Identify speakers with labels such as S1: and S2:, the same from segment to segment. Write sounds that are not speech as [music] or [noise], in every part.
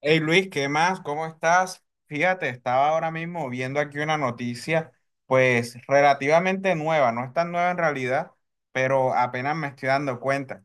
S1: Hey Luis, ¿qué más? ¿Cómo estás? Fíjate, estaba ahora mismo viendo aquí una noticia, pues relativamente nueva, no es tan nueva en realidad, pero apenas me estoy dando cuenta.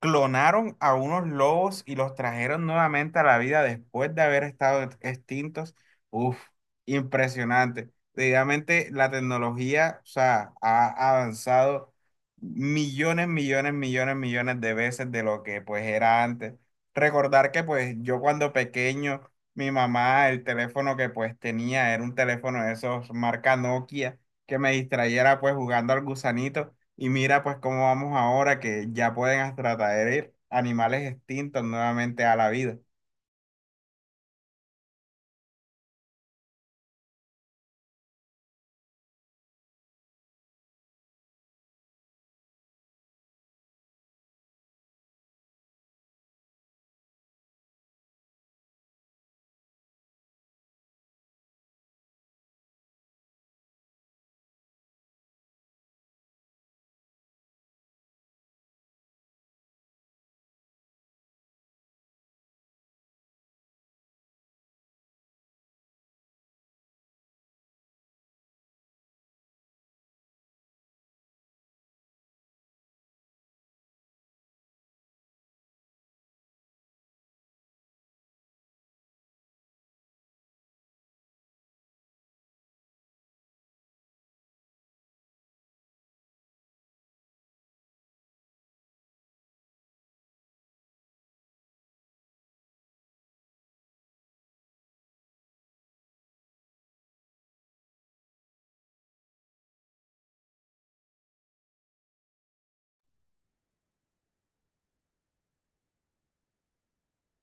S1: Clonaron a unos lobos y los trajeron nuevamente a la vida después de haber estado extintos. Uf, impresionante. Realmente la tecnología, o sea, ha avanzado millones, millones, millones, millones de veces de lo que pues era antes. Recordar que pues yo cuando pequeño, mi mamá, el teléfono que pues tenía era un teléfono de esos marca Nokia que me distrayera pues jugando al gusanito. Y mira, pues cómo vamos ahora que ya pueden hasta traer animales extintos nuevamente a la vida.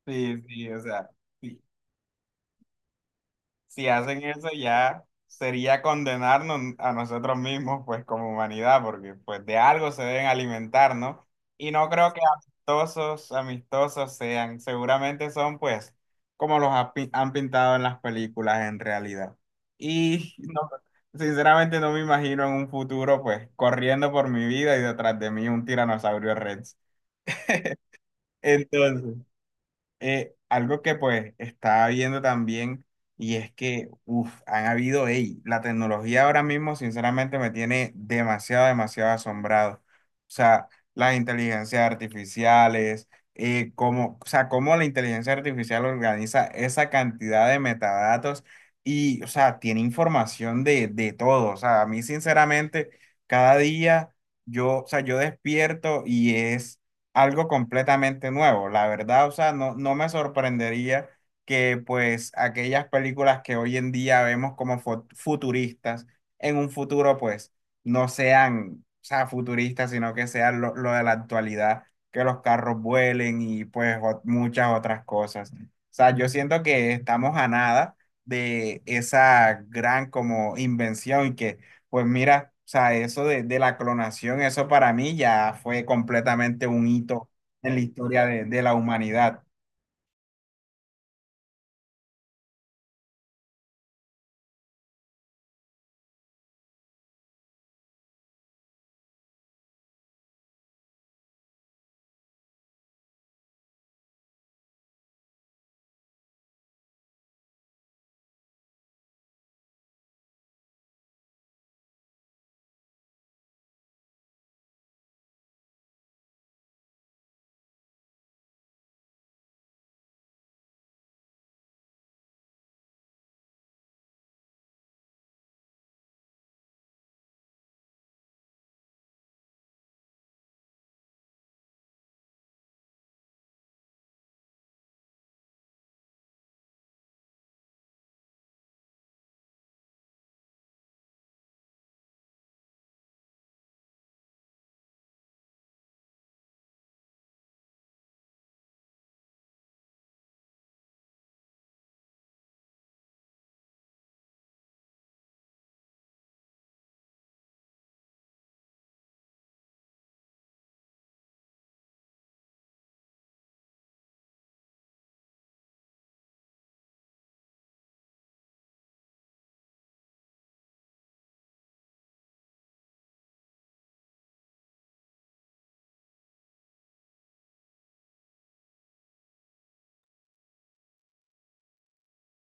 S1: Sí, sí, o sea, sí. Si hacen eso ya sería condenarnos a nosotros mismos, pues como humanidad, porque pues de algo se deben alimentar, ¿no? Y no creo que amistosos, amistosos sean, seguramente son pues como los han pintado en las películas en realidad. Y [laughs] no, sinceramente no me imagino en un futuro pues corriendo por mi vida y detrás de mí un tiranosaurio Rex. Entonces algo que pues estaba viendo también y es que, uff, han habido, ey, la tecnología ahora mismo sinceramente me tiene demasiado, demasiado asombrado. O sea, las inteligencias artificiales, cómo, o sea, cómo la inteligencia artificial organiza esa cantidad de metadatos y, o sea, tiene información de todo. O sea, a mí sinceramente, cada día yo, o sea, yo despierto y es algo completamente nuevo. La verdad, o sea, no, no me sorprendería que pues aquellas películas que hoy en día vemos como futuristas, en un futuro pues no sean, o sea, futuristas, sino que sean lo de la actualidad, que los carros vuelen y pues muchas otras cosas. O sea, yo siento que estamos a nada de esa gran como invención y que pues mira, o sea, eso de, la clonación, eso para mí ya fue completamente un hito en la historia de la humanidad.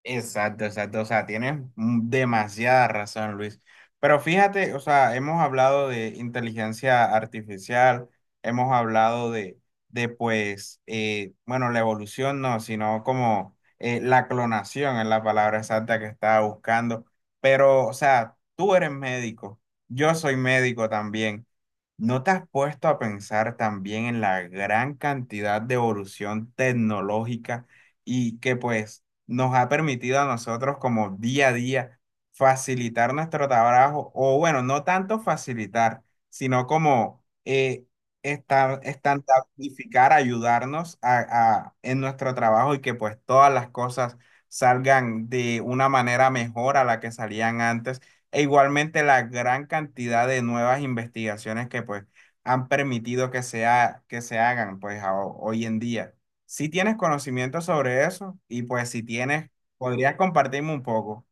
S1: Exacto, exacto. O sea, tienes demasiada razón, Luis. Pero fíjate, o sea, hemos hablado de inteligencia artificial, hemos hablado de, pues, bueno, la evolución no, sino como la clonación es la palabra exacta que estaba buscando. Pero, o sea, tú eres médico, yo soy médico también. ¿No te has puesto a pensar también en la gran cantidad de evolución tecnológica y que pues nos ha permitido a nosotros como día a día facilitar nuestro trabajo, o bueno, no tanto facilitar, sino como estandardificar, ayudarnos a, en nuestro trabajo y que pues todas las cosas salgan de una manera mejor a la que salían antes, e igualmente la gran cantidad de nuevas investigaciones que pues han permitido que sea, que se hagan pues hoy en día. Si tienes conocimiento sobre eso y pues si tienes, podrías compartirme un poco.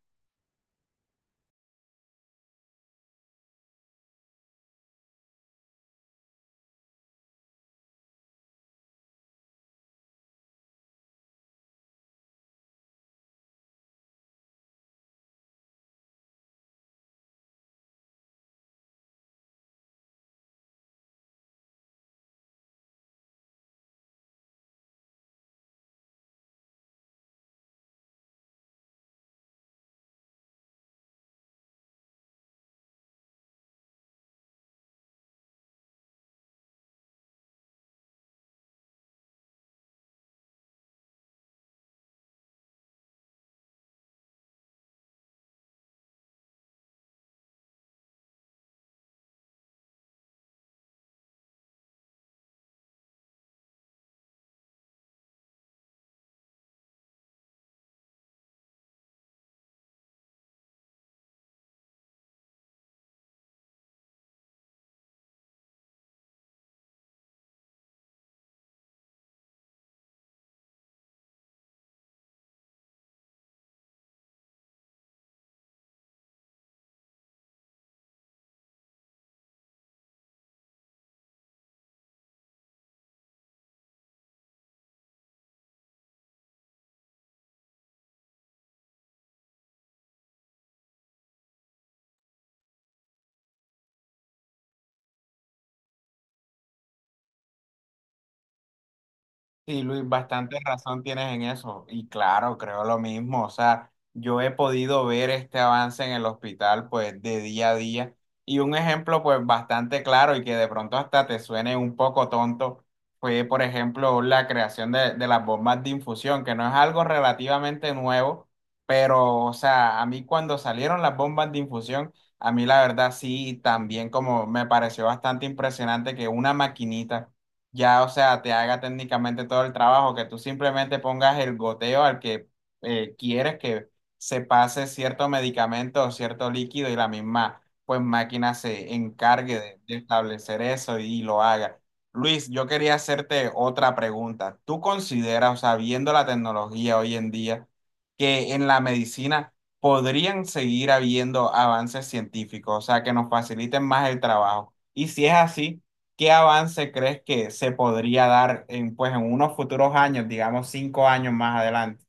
S1: Sí, Luis, bastante razón tienes en eso. Y claro, creo lo mismo. O sea, yo he podido ver este avance en el hospital, pues, de día a día. Y un ejemplo, pues, bastante claro y que de pronto hasta te suene un poco tonto, fue, por ejemplo, la creación de las bombas de infusión, que no es algo relativamente nuevo, pero, o sea, a mí cuando salieron las bombas de infusión, a mí la verdad sí, también como me pareció bastante impresionante que una maquinita ya, o sea, te haga técnicamente todo el trabajo, que tú simplemente pongas el goteo al que quieres que se pase cierto medicamento o cierto líquido y la misma, pues máquina se encargue de, establecer eso y lo haga. Luis, yo quería hacerte otra pregunta. ¿Tú consideras, o sea, viendo la tecnología hoy en día, que en la medicina podrían seguir habiendo avances científicos, o sea, que nos faciliten más el trabajo? Y si es así, ¿qué avance crees que se podría dar en, pues, en unos futuros años, digamos 5 años más adelante?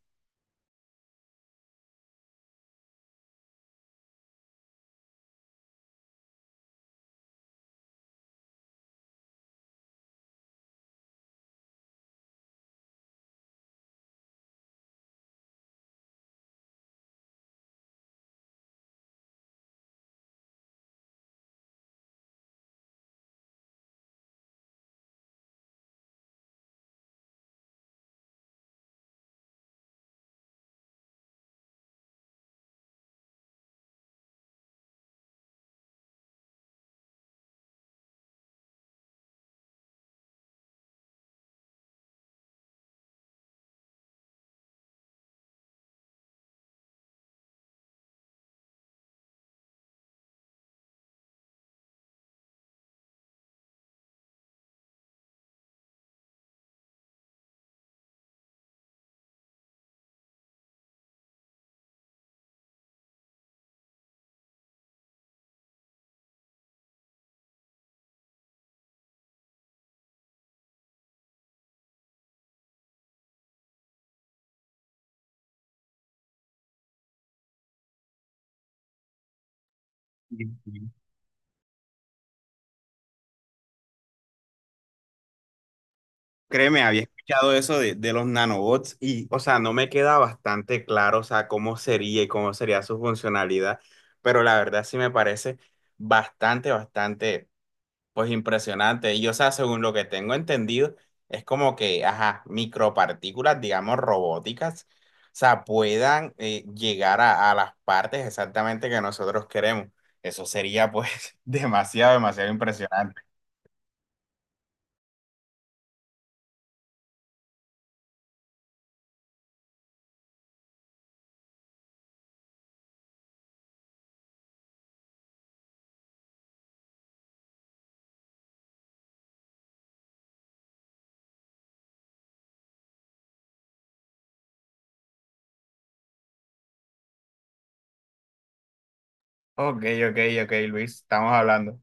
S1: Ujú. Créeme, había escuchado eso de los nanobots y, o sea, no me queda bastante claro, o sea, cómo sería y cómo sería su funcionalidad, pero la verdad sí me parece bastante, bastante. Pues impresionante. Y o sea, según lo que tengo entendido, es como que, ajá, micropartículas, digamos, robóticas, o sea, puedan llegar a las partes exactamente que nosotros queremos. Eso sería pues [laughs] demasiado, demasiado impresionante. Ok, ok, ok, Luis, estamos hablando.